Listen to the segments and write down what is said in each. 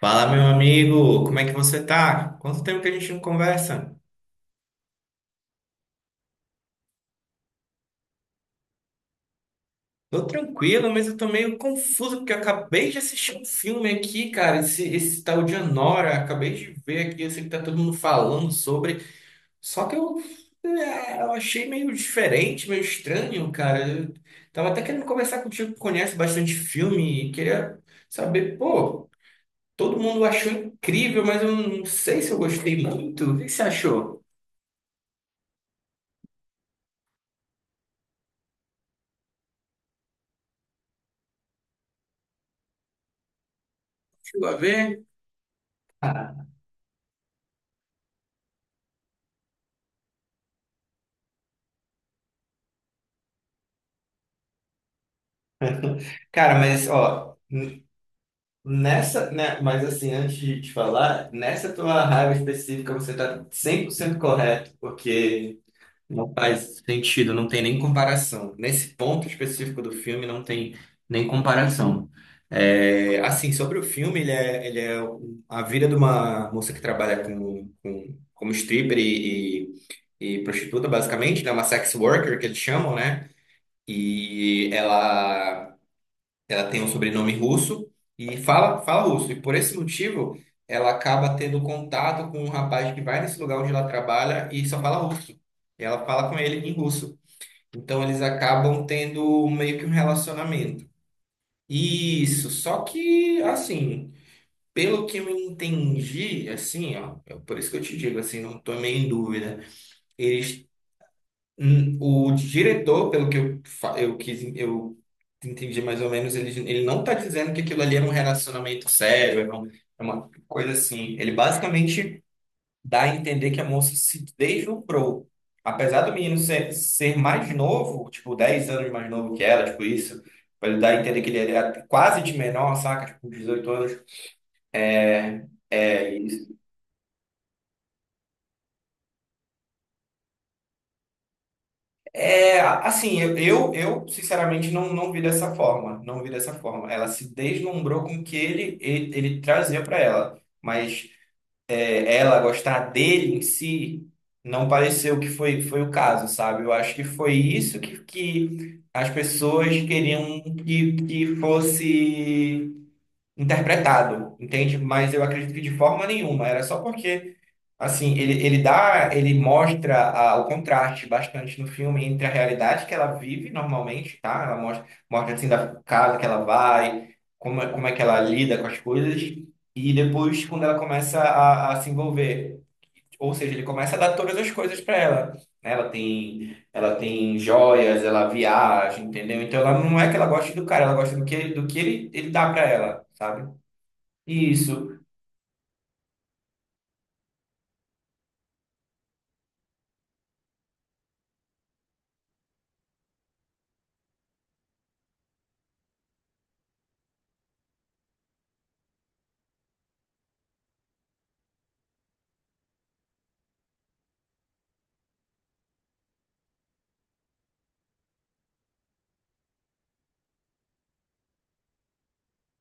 Fala, meu amigo, como é que você tá? Quanto tempo que a gente não conversa? Tô tranquilo, mas eu tô meio confuso porque eu acabei de assistir um filme aqui, cara. Esse tal de Anora, acabei de ver aqui. Eu sei que tá todo mundo falando sobre, só que eu achei meio diferente, meio estranho, cara. Eu tava até querendo conversar contigo que conhece bastante filme e queria saber, pô, todo mundo achou incrível, mas eu não sei se eu gostei muito. O que você achou? Chegou a ver? Cara, mas ó, nessa, né, mas assim, antes de te falar, nessa tua raiva específica você tá 100% correto, porque não faz sentido, não tem nem comparação. Nesse ponto específico do filme não tem nem comparação. É, assim, sobre o filme, a vida de uma moça que trabalha como stripper e prostituta, basicamente, né, uma sex worker que eles chamam, né? E ela tem um sobrenome russo e fala russo. E por esse motivo, ela acaba tendo contato com um rapaz que vai nesse lugar onde ela trabalha e só fala russo. E ela fala com ele em russo. Então eles acabam tendo meio que um relacionamento. Isso, só que assim, pelo que eu entendi, assim, ó, é por isso que eu te digo assim, não tô meio em dúvida. Eles. O diretor, pelo que eu, fa- eu quis, eu entendi mais ou menos, ele não está dizendo que aquilo ali é um relacionamento sério, é uma coisa assim. Ele basicamente dá a entender que a moça se deslumbrou. Apesar do menino ser mais novo, tipo, 10 anos mais novo que ela, tipo isso, pra ele dar a entender que ele era quase de menor, saca? Tipo, 18 anos. É, é, é, assim, eu, sinceramente não vi dessa forma, não vi dessa forma. Ela se deslumbrou com o que ele trazia para ela, mas ela gostar dele em si não pareceu que foi o caso, sabe? Eu acho que foi isso que as pessoas queriam que fosse interpretado, entende? Mas eu acredito que de forma nenhuma, era só porque. Assim, ele mostra o contraste bastante no filme entre a realidade que ela vive normalmente, tá? Ela mostra assim da casa que ela vai, como é que ela lida com as coisas, e depois quando ela começa a se envolver, ou seja, ele começa a dar todas as coisas para ela, né? Ela tem joias, ela viaja, entendeu? Então ela não é que ela goste do cara, ela gosta do que ele dá para ela, sabe? Isso.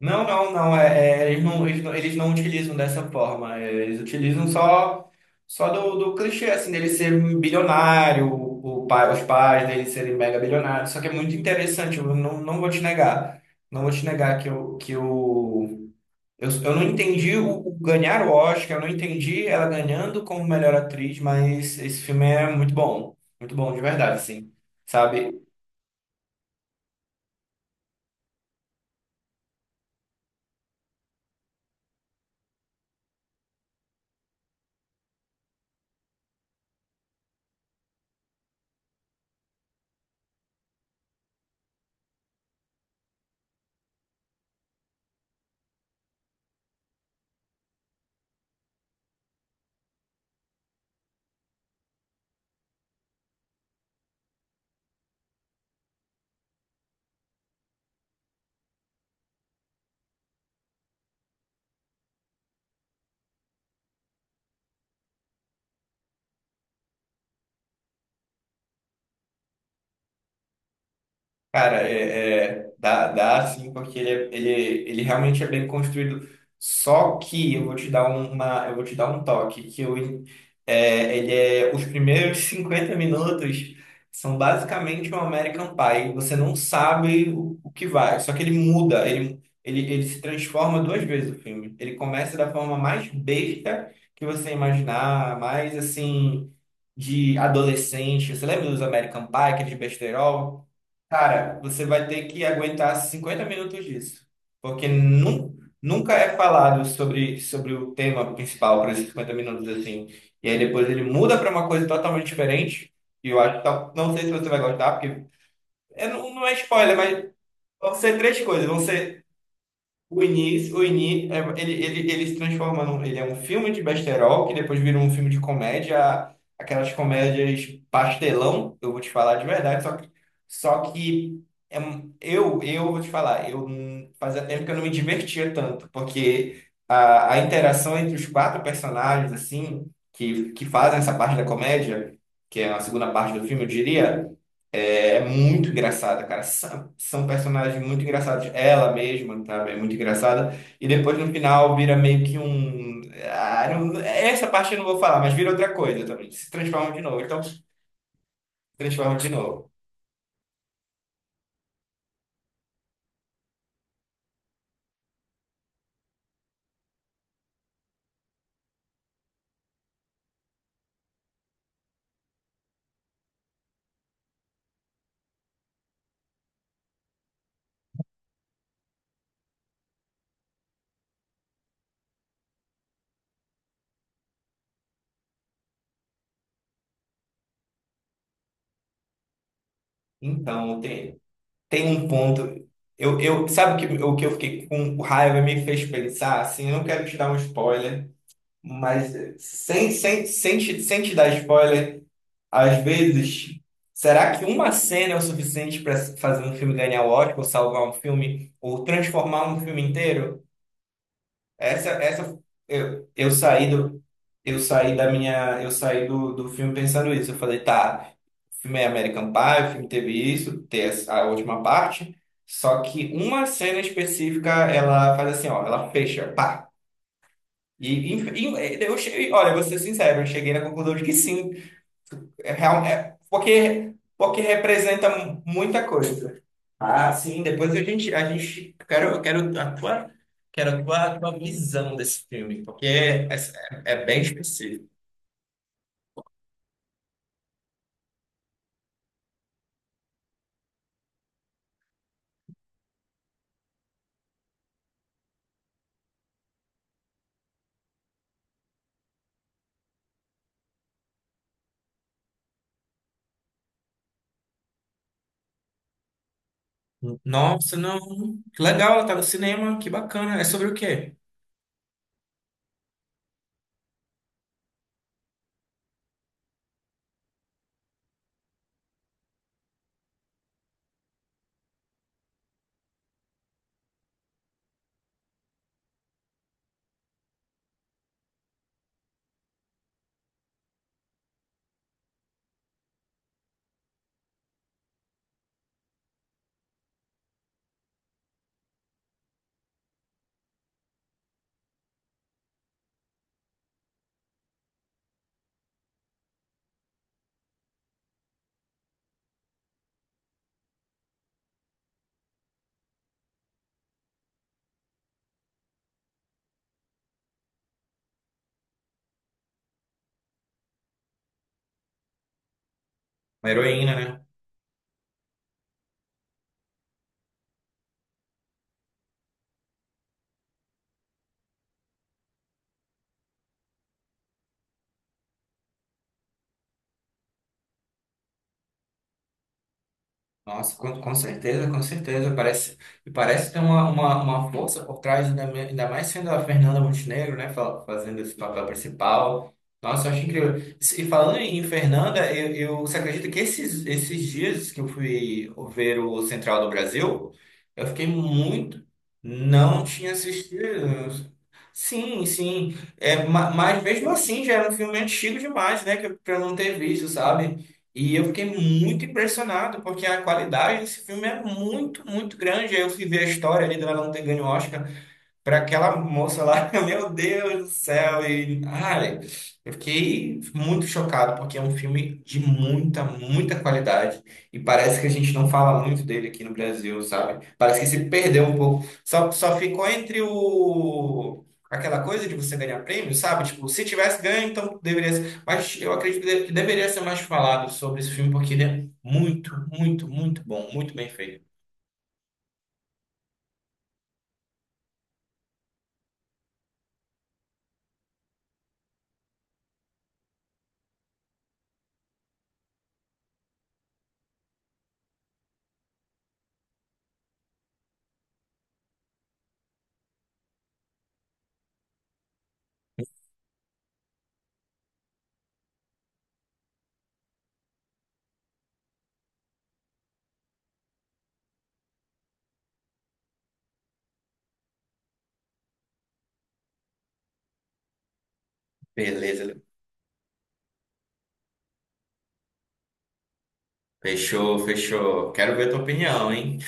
Não, não, não. É, é, eles não utilizam dessa forma. Eles utilizam só do clichê, assim, dele ser um bilionário, o pai, os pais dele serem mega bilionários. Só que é muito interessante, eu não vou te negar. Não vou te negar que eu não entendi o ganhar o Oscar, eu não entendi ela ganhando como melhor atriz, mas esse filme é muito bom. Muito bom, de verdade, sim. Sabe? Cara, dá sim, porque ele realmente é bem construído. Só que eu vou te dar um toque, que eu, é, ele é, os primeiros 50 minutos são basicamente um American Pie. Você não sabe o que vai, só que ele muda, ele se transforma duas vezes o filme. Ele começa da forma mais besta que você imaginar, mais assim, de adolescente. Você lembra dos American Pie, aqueles besterol? Cara, você vai ter que aguentar 50 minutos disso, porque nunca é falado sobre o tema principal para esses 50 minutos assim. E aí depois ele muda para uma coisa totalmente diferente. E eu acho que não sei se você vai gostar, porque não é spoiler, mas vão ser três coisas. Vão ser o início, ele se transforma num. Ele é um filme de besterol que depois vira um filme de comédia, aquelas comédias pastelão, eu vou te falar de verdade, só que eu vou te falar, eu fazia tempo que eu não me divertia tanto, porque a interação entre os quatro personagens, assim, que fazem essa parte da comédia, que é a segunda parte do filme, eu diria, é muito engraçada, cara. São personagens muito engraçados. Ela mesma, sabe? É muito engraçada. E depois no final vira meio que um. Essa parte eu não vou falar, mas vira outra coisa também. Se transforma de novo. Então, se transforma de novo. Então, tem um ponto. Sabe o que eu fiquei com raiva me fez pensar? Assim, eu não quero te dar um spoiler, mas sem te dar spoiler. Às vezes, será que uma cena é o suficiente para fazer um filme ganhar o Oscar, ou salvar um filme, ou transformar um filme inteiro? Essa, essa, eu, eu saí do, eu saí do filme pensando isso. Eu falei, tá, o filme é American Pie, o filme teve isso, tem a última parte, só que uma cena específica, ela faz assim, ó, ela fecha, pá. E eu, cheguei olha, vou ser sincero, eu cheguei na conclusão de que sim. É real, porque representa muita coisa. Ah, sim, depois eu quero a tua visão desse filme, porque é bem específico. Nossa, não. Que legal, ela tá no cinema, que bacana. É sobre o quê? Uma heroína, né? Nossa, com certeza, com certeza. Parece ter uma força por trás, ainda mais sendo a Fernanda Montenegro, né, fazendo esse papel principal. Nossa, eu acho incrível. E falando em Fernanda, você acredita que esses dias que eu fui ver o Central do Brasil, eu fiquei muito. Não tinha assistido. Sim, sim. É, mas mesmo assim já era um filme antigo demais, né, pra eu não ter visto, sabe? E eu fiquei muito impressionado, porque a qualidade desse filme é muito, muito grande. Aí eu fui ver a história ali dela não ter ganho o Oscar para aquela moça lá, meu Deus do céu, e ai, eu fiquei muito chocado porque é um filme de muita, muita qualidade e parece que a gente não fala muito dele aqui no Brasil, sabe? Parece que se perdeu um pouco. Só ficou entre o aquela coisa de você ganhar prêmio, sabe? Tipo, se tivesse ganho, então deveria ser. Mas eu acredito que deveria ser mais falado sobre esse filme porque ele é muito, muito, muito bom, muito bem feito. Beleza. Fechou, fechou. Quero ver a tua opinião, hein?